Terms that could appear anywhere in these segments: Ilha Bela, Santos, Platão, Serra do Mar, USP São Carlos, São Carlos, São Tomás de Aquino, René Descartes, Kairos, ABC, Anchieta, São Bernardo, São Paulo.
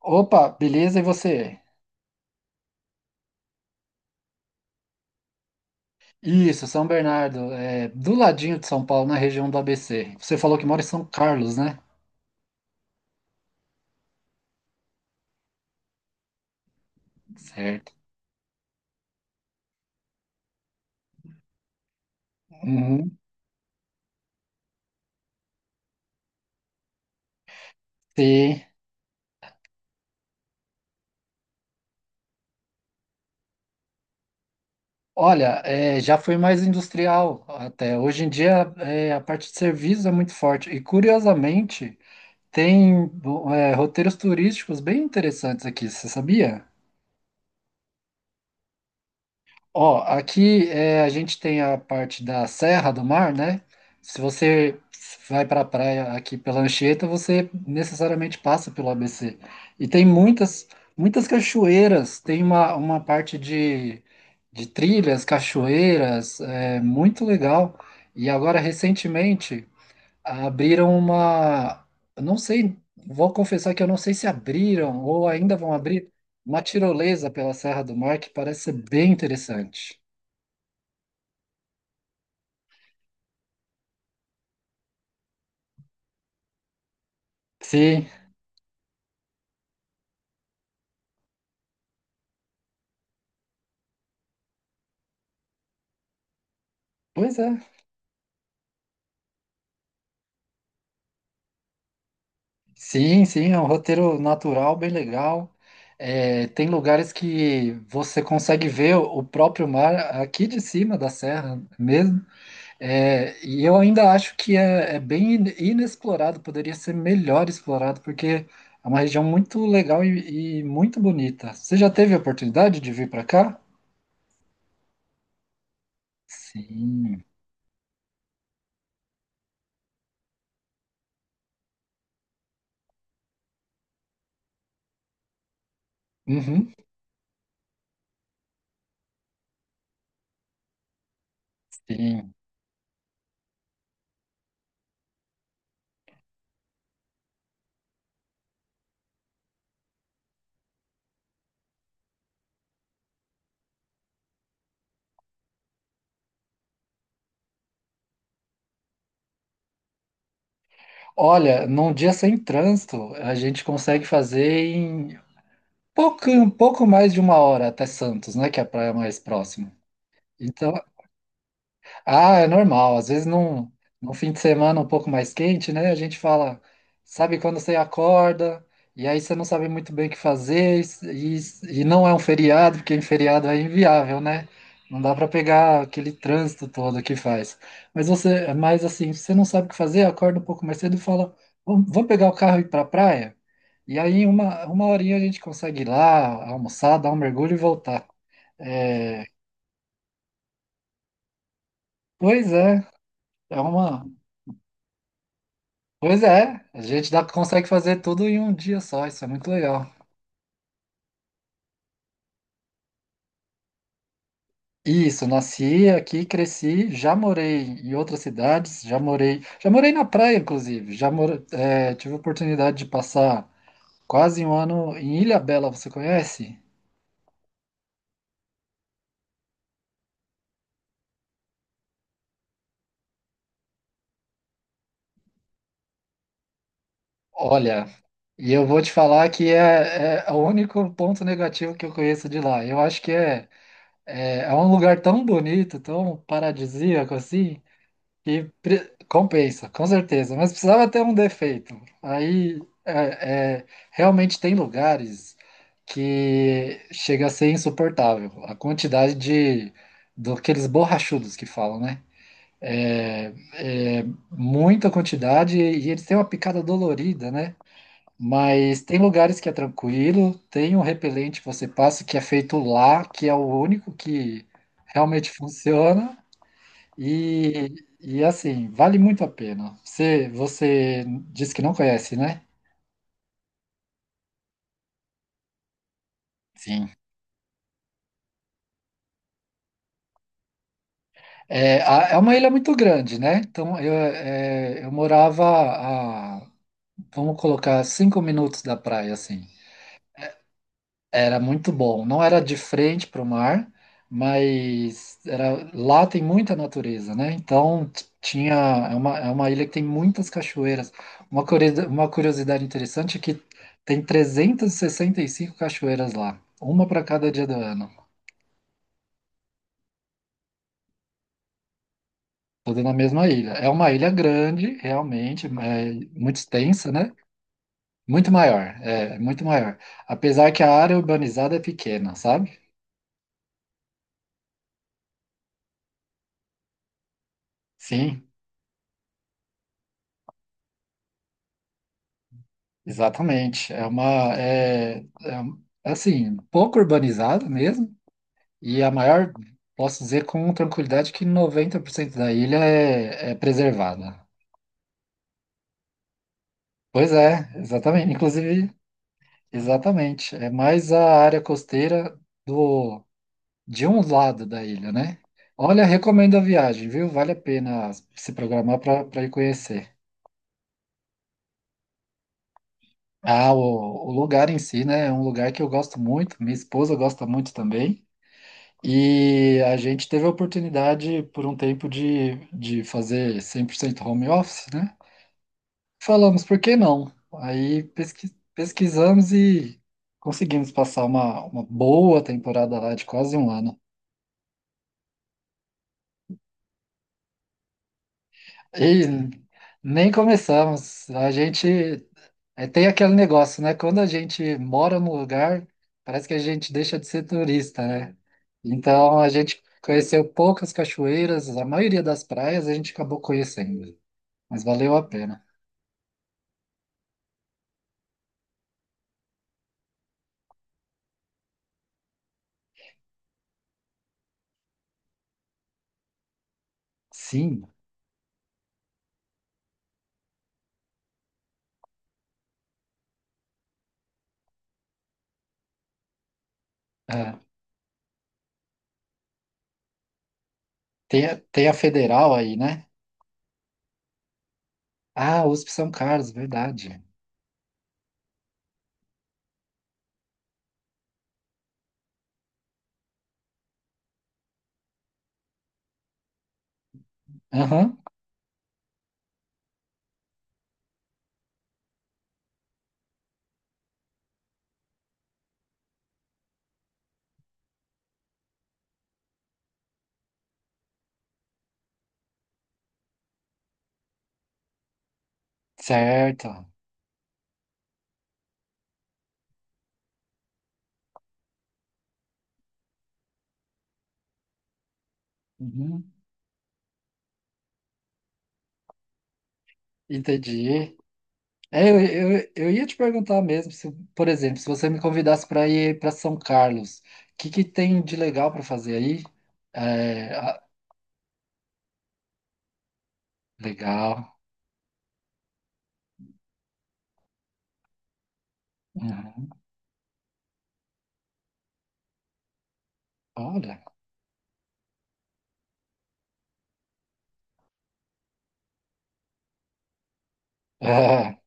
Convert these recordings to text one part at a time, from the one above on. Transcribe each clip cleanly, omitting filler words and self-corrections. Opa, beleza? E você? Isso, São Bernardo, é do ladinho de São Paulo, na região do ABC. Você falou que mora em São Carlos, né? Certo. Uhum. Sim. Olha, já foi mais industrial até. Hoje em dia, a parte de serviços é muito forte. E curiosamente, tem, roteiros turísticos bem interessantes aqui, você sabia? Ó, aqui a gente tem a parte da Serra do Mar, né? Se você vai para a praia aqui pela Anchieta, você necessariamente passa pelo ABC. E tem muitas, muitas cachoeiras, tem uma parte de trilhas, cachoeiras, é muito legal. E agora, recentemente, abriram uma. Eu não sei, vou confessar que eu não sei se abriram ou ainda vão abrir uma tirolesa pela Serra do Mar, que parece ser bem interessante. Sim, pois é. Sim, sim, é um roteiro natural, bem legal. Tem lugares que você consegue ver o próprio mar aqui de cima da serra mesmo. E eu ainda acho que é bem inexplorado, poderia ser melhor explorado, porque é uma região muito legal e muito bonita. Você já teve a oportunidade de vir para cá? Sim, uhum, sim. Olha, num dia sem trânsito, a gente consegue fazer em pouco, um pouco mais de uma hora até Santos, né? Que é a praia mais próxima. Então, ah, é normal. Às vezes num fim de semana um pouco mais quente, né? A gente fala, sabe quando você acorda, e aí você não sabe muito bem o que fazer, e não é um feriado, porque em feriado é inviável, né? Não dá para pegar aquele trânsito todo que faz. Mas você, mas assim, você não sabe o que fazer, acorda um pouco mais cedo e fala, vamos, vamos pegar o carro e ir para a praia? E aí uma horinha a gente consegue ir lá, almoçar, dar um mergulho e voltar. É, pois é, é uma. Pois é, a gente dá, consegue fazer tudo em um dia só, isso é muito legal. Isso, nasci aqui, cresci, já morei em outras cidades, já morei na praia, inclusive, já moro, tive a oportunidade de passar quase um ano em Ilha Bela. Você conhece? Olha, e eu vou te falar que é o único ponto negativo que eu conheço de lá. Eu acho que é um lugar tão bonito, tão paradisíaco assim. E compensa, com certeza. Mas precisava ter um defeito. Aí, realmente tem lugares que chega a ser insuportável. A quantidade de daqueles borrachudos que falam, né? É, é muita quantidade e eles têm uma picada dolorida, né? Mas tem lugares que é tranquilo, tem um repelente que você passa que é feito lá, que é o único que realmente funciona. E, e assim, vale muito a pena. Você disse que não conhece, né? Sim. É, é uma ilha muito grande, né? Então eu morava a, vamos colocar, 5 minutos da praia, assim. Era muito bom. Não era de frente para o mar, mas era, lá tem muita natureza, né? Então tinha é uma ilha que tem muitas cachoeiras. Uma curiosidade interessante é que tem 65 cachoeiras lá, uma para cada dia do ano, toda na mesma ilha. É uma ilha grande, realmente, é muito extensa, né? Muito maior, é muito maior. Apesar que a área urbanizada é pequena, sabe? Sim, exatamente. É uma é, é, um- é assim, pouco urbanizado mesmo, e a maior, posso dizer com tranquilidade que 90% da ilha é preservada. Pois é, exatamente. Inclusive, exatamente. É mais a área costeira do de um lado da ilha, né? Olha, recomendo a viagem, viu? Vale a pena se programar para ir conhecer. Ah, o lugar em si, né? É um lugar que eu gosto muito, minha esposa gosta muito também. E a gente teve a oportunidade por um tempo de fazer 100% home office, né? Falamos, por que não? Aí pesquisamos e conseguimos passar uma boa temporada lá de quase um ano. E nem começamos. A gente tem aquele negócio, né? Quando a gente mora num lugar, parece que a gente deixa de ser turista, né? Então a gente conheceu poucas cachoeiras, a maioria das praias a gente acabou conhecendo. Mas valeu a pena. Sim, é, tem a federal aí, né? Ah, USP São Carlos, verdade. Aham, certo. Uhum, entendi. É, eu, eu ia te perguntar mesmo, se, por exemplo, se você me convidasse para ir para São Carlos, o que que tem de legal para fazer aí? É, ah, legal. Uhum. Olha. É,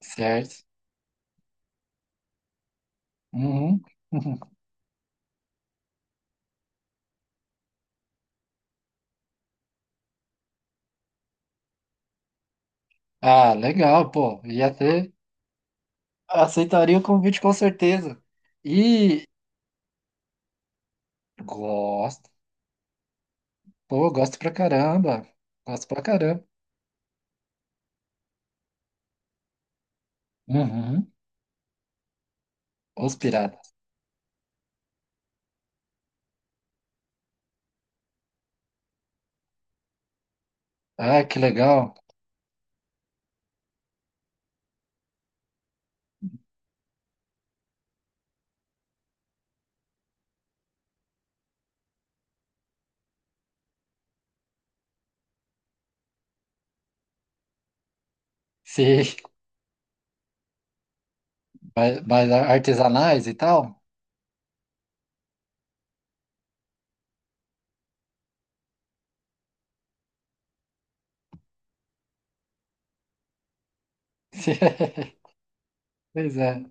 certo. Uhum, uhum. Ah, legal, pô. Ia ter. Aceitaria o convite com certeza. E, gosto. Pô, eu gosto pra caramba. Gosto pra caramba. Uhum. Os piratas. Ah, que legal. Sim. Mas artesanais e tal? Sim. Pois é.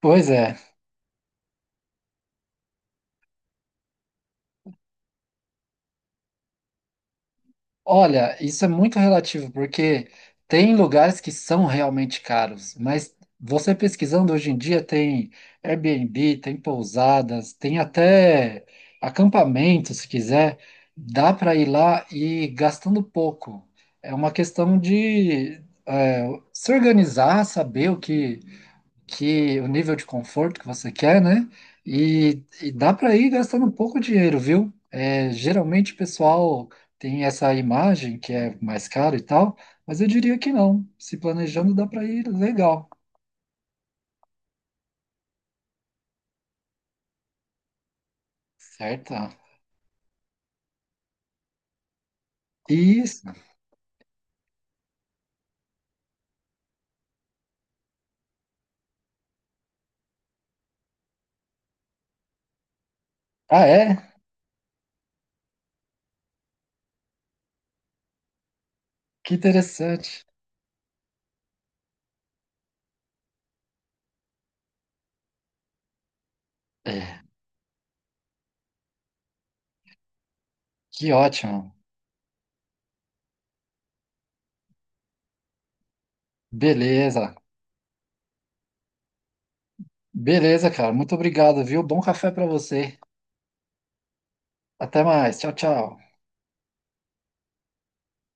Pois é. Olha, isso é muito relativo, porque tem lugares que são realmente caros, mas você pesquisando hoje em dia tem Airbnb, tem pousadas, tem até acampamento, se quiser, dá para ir lá e gastando pouco. É uma questão de se organizar, saber o que que o nível de conforto que você quer, né? E dá para ir gastando um pouco de dinheiro, viu? É, geralmente o pessoal tem essa imagem que é mais caro e tal, mas eu diria que não. Se planejando, dá para ir legal, certo? Isso. Ah, é? Que interessante. É, que ótimo. Beleza. Beleza, cara. Muito obrigado, viu? Bom café para você. Até mais. Tchau, tchau.